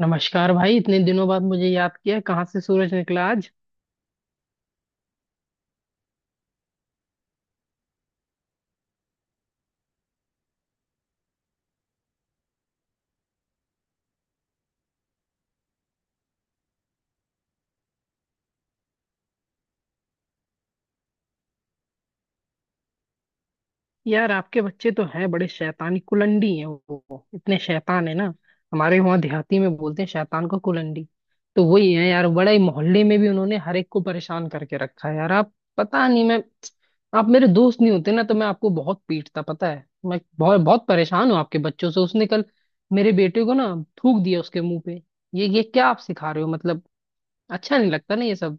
नमस्कार भाई। इतने दिनों बाद मुझे याद किया, कहाँ से सूरज निकला आज? यार, आपके बच्चे तो हैं बड़े शैतानी कुलंडी, हैं वो इतने शैतान, है ना। हमारे वहाँ देहाती में बोलते हैं शैतान को कुलंडी। तो वही है यार, बड़ा ही मोहल्ले में भी उन्होंने हर एक को परेशान करके रखा है। यार आप पता नहीं, मैं, आप मेरे दोस्त नहीं होते ना तो मैं आपको बहुत पीटता। पता है, मैं बहुत बहुत परेशान हूँ आपके बच्चों से। उसने कल मेरे बेटे को ना थूक दिया उसके मुंह पे। ये क्या आप सिखा रहे हो मतलब? अच्छा नहीं लगता ना ये सब।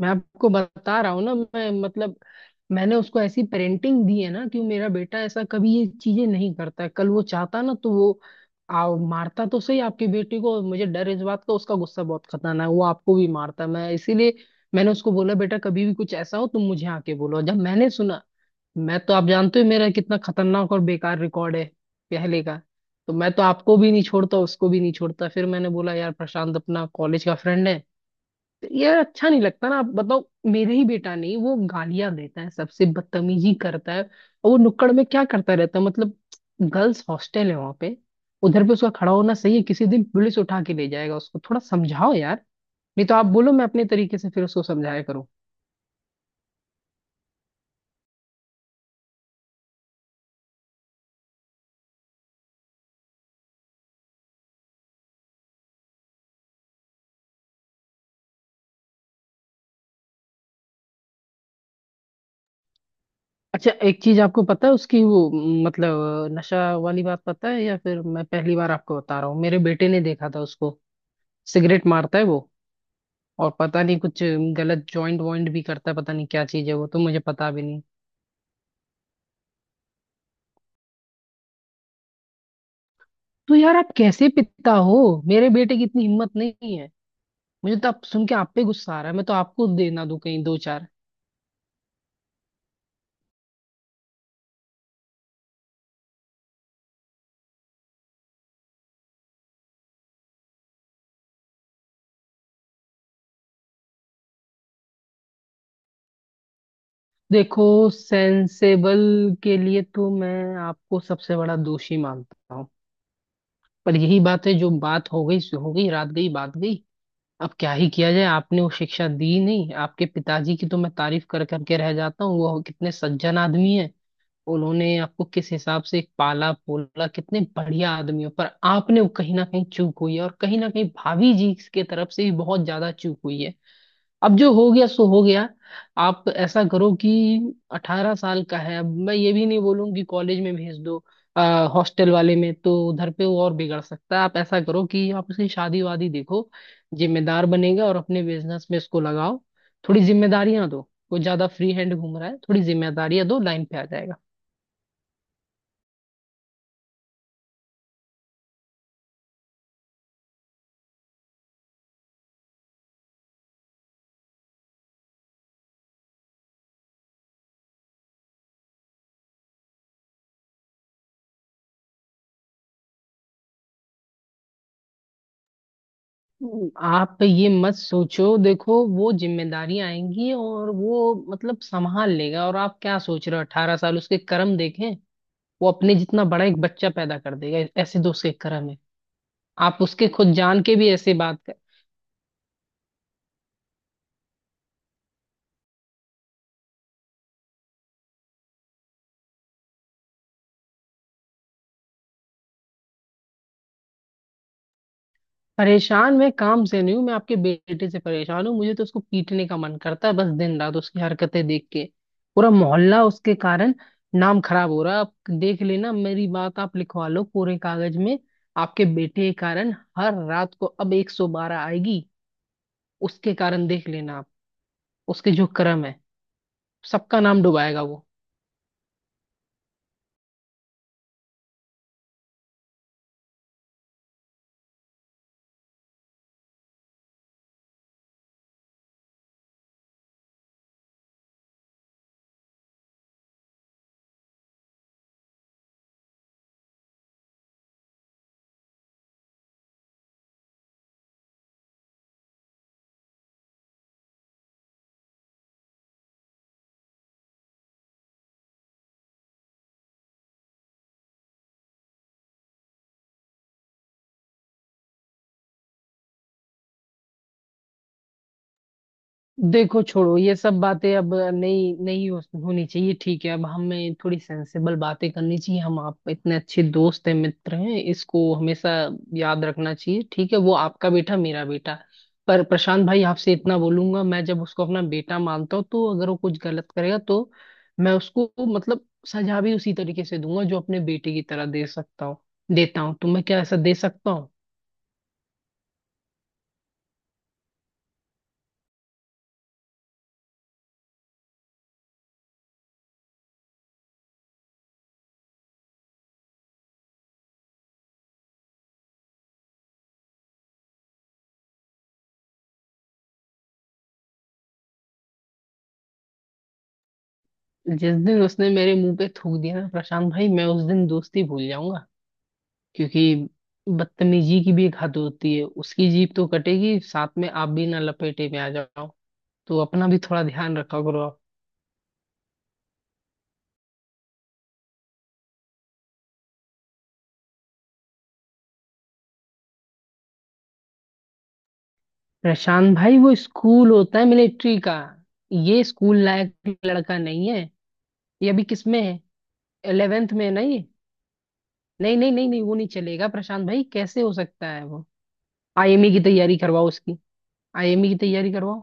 मैं आपको बता रहा हूँ ना, मैं मतलब, मैंने उसको ऐसी पेरेंटिंग दी है ना कि मेरा बेटा ऐसा कभी ये चीजें नहीं करता है। कल वो चाहता ना तो वो मारता तो सही आपके बेटे को। मुझे डर इस बात का, उसका गुस्सा बहुत खतरनाक है, वो आपको भी मारता है। मैं इसीलिए मैंने उसको बोला, बेटा कभी भी कुछ ऐसा हो तुम मुझे आके बोलो। जब मैंने सुना, मैं तो, आप जानते हो, मेरा कितना खतरनाक और बेकार रिकॉर्ड है पहले का। तो मैं तो आपको भी नहीं छोड़ता, उसको भी नहीं छोड़ता। फिर मैंने बोला, यार प्रशांत अपना कॉलेज का फ्रेंड है। ये अच्छा नहीं लगता ना, आप बताओ। मेरे ही बेटा नहीं, वो गालियां देता है, सबसे बदतमीजी करता है। और वो नुक्कड़ में क्या करता रहता है मतलब, गर्ल्स हॉस्टल है वहां पे। उधर पे उसका खड़ा होना सही है? किसी दिन पुलिस उठा के ले जाएगा। उसको थोड़ा समझाओ यार, नहीं तो आप बोलो मैं अपने तरीके से फिर उसको समझाया करूँ। अच्छा, एक चीज आपको पता है उसकी, वो मतलब नशा वाली बात पता है, या फिर मैं पहली बार आपको बता रहा हूँ? मेरे बेटे ने देखा था उसको, सिगरेट मारता है वो। और पता नहीं कुछ गलत जॉइंट वॉइंट भी करता है, पता नहीं क्या चीज है वो, तो मुझे पता भी नहीं। तो यार आप कैसे पिता हो? मेरे बेटे की इतनी हिम्मत नहीं है। मुझे तो आप सुन के आप पे गुस्सा आ रहा है, मैं तो आपको देना दूं कहीं 2-4। देखो, सेंसेबल के लिए तो मैं आपको सबसे बड़ा दोषी मानता हूँ। पर यही बात है, जो बात हो गई सो हो गई, रात गई बात गई। अब क्या ही किया जाए? आपने वो शिक्षा दी नहीं। आपके पिताजी की तो मैं तारीफ कर करके रह जाता हूँ, वो कितने सज्जन आदमी है। उन्होंने आपको किस हिसाब से पाला पोला, कितने बढ़िया आदमी हो। पर आपने वो, कहीं ना कहीं चूक हुई है, और कहीं ना कहीं भाभी जी के तरफ से भी बहुत ज्यादा चूक हुई है। अब जो हो गया सो हो गया। आप ऐसा करो कि, 18 साल का है, अब मैं ये भी नहीं बोलूंगी कॉलेज में भेज दो। हॉस्टल वाले में तो उधर पे वो और बिगड़ सकता है। आप ऐसा करो कि आप उसकी शादी वादी देखो, जिम्मेदार बनेगा। और अपने बिजनेस में इसको लगाओ, थोड़ी जिम्मेदारियां दो। वो ज्यादा फ्री हैंड घूम रहा है, थोड़ी जिम्मेदारियां दो, लाइन पे आ जाएगा। आप ये मत सोचो, देखो, वो जिम्मेदारियां आएंगी और वो मतलब संभाल लेगा। और आप क्या सोच रहे हो? 18 साल, उसके कर्म देखें, वो अपने जितना बड़ा एक बच्चा पैदा कर देगा, ऐसे दोस्त के कर्म है। आप उसके खुद जान के भी ऐसे बात। परेशान मैं काम से नहीं हूँ, मैं आपके बेटे से परेशान हूँ। मुझे तो उसको पीटने का मन करता है, बस दिन रात उसकी हरकतें देख के पूरा मोहल्ला उसके कारण नाम खराब हो रहा है। आप देख लेना मेरी बात, आप लिखवा लो पूरे कागज में, आपके बेटे के कारण हर रात को अब 112 आएगी। उसके कारण देख लेना आप, उसके जो कर्म है सबका नाम डुबाएगा वो। देखो, छोड़ो ये सब बातें, अब नहीं नहीं हो, होनी चाहिए। ठीक है, अब हमें थोड़ी सेंसिबल बातें करनी चाहिए। हम आप इतने अच्छे दोस्त हैं, मित्र हैं, इसको हमेशा याद रखना चाहिए। ठीक है, वो आपका बेटा मेरा बेटा। पर प्रशांत भाई, आपसे इतना बोलूंगा, मैं जब उसको अपना बेटा मानता हूँ तो अगर वो कुछ गलत करेगा तो मैं उसको मतलब सजा भी उसी तरीके से दूंगा जो अपने बेटे की तरह दे सकता हूँ। देता हूँ, तो मैं क्या ऐसा दे सकता हूँ? जिस दिन उसने मेरे मुंह पे थूक दिया ना प्रशांत भाई, मैं उस दिन दोस्ती भूल जाऊंगा। क्योंकि बदतमीजी की भी एक हद होती है। उसकी जीभ तो कटेगी, साथ में आप भी ना लपेटे में आ जाओ। तो अपना भी थोड़ा ध्यान रखा करो आप। प्रशांत भाई, वो स्कूल होता है मिलिट्री का, ये स्कूल लायक लड़का नहीं है। ये अभी किस में है, 11th में है ना ये। नहीं, नहीं, नहीं, नहीं, वो नहीं चलेगा प्रशांत भाई, कैसे हो सकता है वो? आईएमई की तैयारी करवाओ उसकी। आईएमई की तैयारी करवाओ।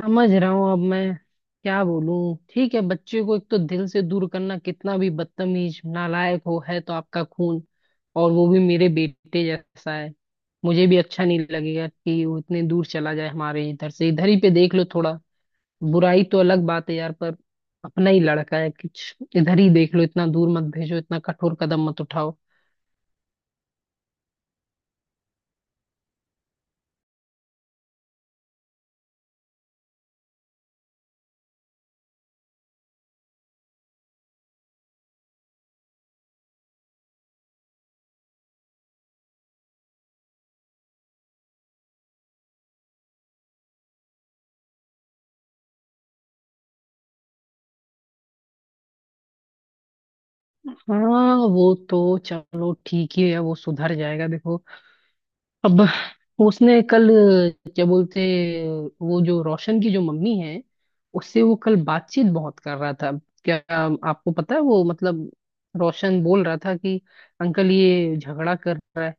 समझ रहा हूँ, अब मैं क्या बोलूं? ठीक है। बच्चे को एक तो दिल से दूर करना, कितना भी बदतमीज नालायक हो है तो आपका खून, और वो भी मेरे बेटे जैसा है। मुझे भी अच्छा नहीं लगेगा कि वो इतने दूर चला जाए। हमारे इधर से, इधर ही पे देख लो थोड़ा, बुराई तो अलग बात है यार, पर अपना ही लड़का है। कुछ इधर ही देख लो, इतना दूर मत भेजो, इतना कठोर कदम मत उठाओ। हाँ वो तो चलो ठीक ही है, वो सुधर जाएगा, देखो। अब उसने कल, क्या बोलते, वो जो रोशन की जो मम्मी है, उससे वो कल बातचीत बहुत कर रहा था। क्या, आपको पता है वो मतलब? रोशन बोल रहा था कि अंकल ये झगड़ा कर रहा है।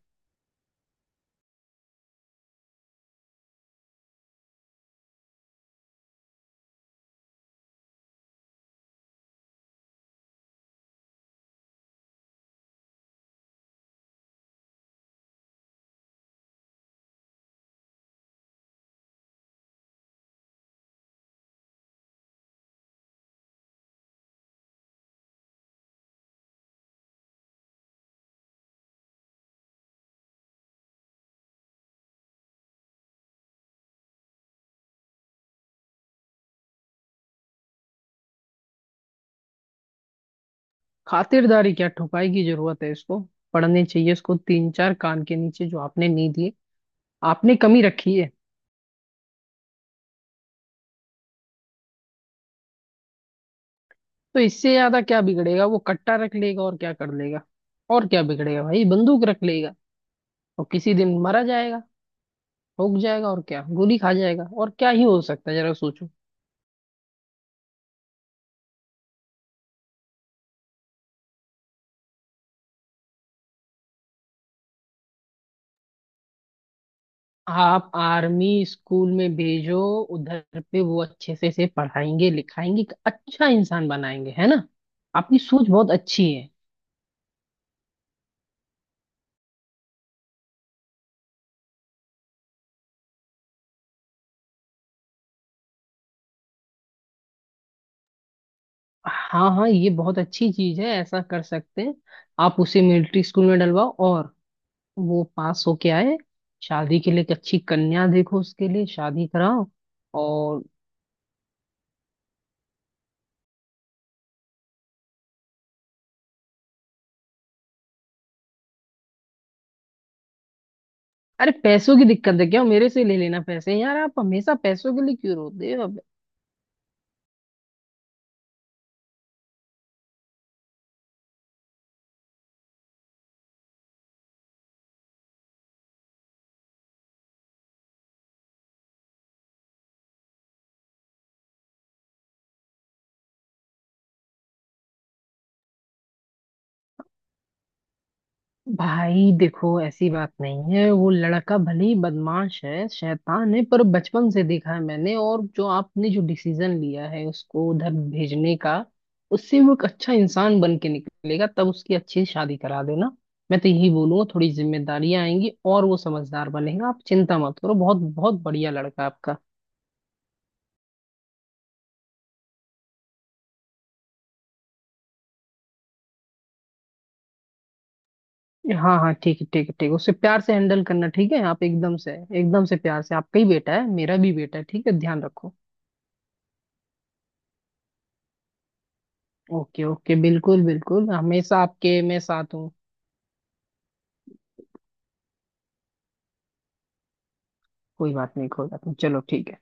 खातिरदारी क्या, ठुकाई की जरूरत है इसको। पढ़ने चाहिए इसको 3-4 कान के नीचे जो आपने नहीं दिए, आपने कमी रखी है। तो इससे ज्यादा क्या बिगड़ेगा, वो कट्टा रख लेगा? और क्या कर लेगा? और क्या बिगड़ेगा भाई, बंदूक रख लेगा, और किसी दिन मरा जाएगा, ठोक जाएगा। और क्या, गोली खा जाएगा, और क्या ही हो सकता है, जरा सोचो। आप आर्मी स्कूल में भेजो, उधर पे वो अच्छे से पढ़ाएंगे लिखाएंगे, एक अच्छा इंसान बनाएंगे, है ना। आपकी सोच बहुत अच्छी है। हाँ हाँ, ये बहुत अच्छी चीज है, ऐसा कर सकते हैं। आप उसे मिलिट्री स्कूल में डलवाओ, और वो पास होके आए, शादी के लिए एक अच्छी कन्या देखो उसके लिए, शादी कराओ। और अरे, पैसों की दिक्कत है क्या? मेरे से ले लेना पैसे यार, आप हमेशा पैसों के लिए क्यों रोते हो? भाई देखो ऐसी बात नहीं है, वो लड़का भले ही बदमाश है शैतान है, पर बचपन से देखा है मैंने। और जो आपने जो डिसीजन लिया है उसको उधर भेजने का, उससे वो एक अच्छा इंसान बन के निकलेगा, तब उसकी अच्छी शादी करा देना। मैं तो यही बोलूंगा, थोड़ी जिम्मेदारियां आएंगी और वो समझदार बनेगा। आप चिंता मत करो, बहुत बहुत बढ़िया लड़का है आपका। हाँ हाँ ठीक है, ठीक है, ठीक है। उसे प्यार से हैंडल करना, ठीक है? आप एकदम से, एकदम से प्यार से, आपका ही बेटा है मेरा भी बेटा है, ठीक है? ध्यान रखो। ओके ओके, बिल्कुल बिल्कुल, हमेशा आपके मैं साथ हूँ। कोई बात नहीं, कोई बात नहीं, चलो ठीक है।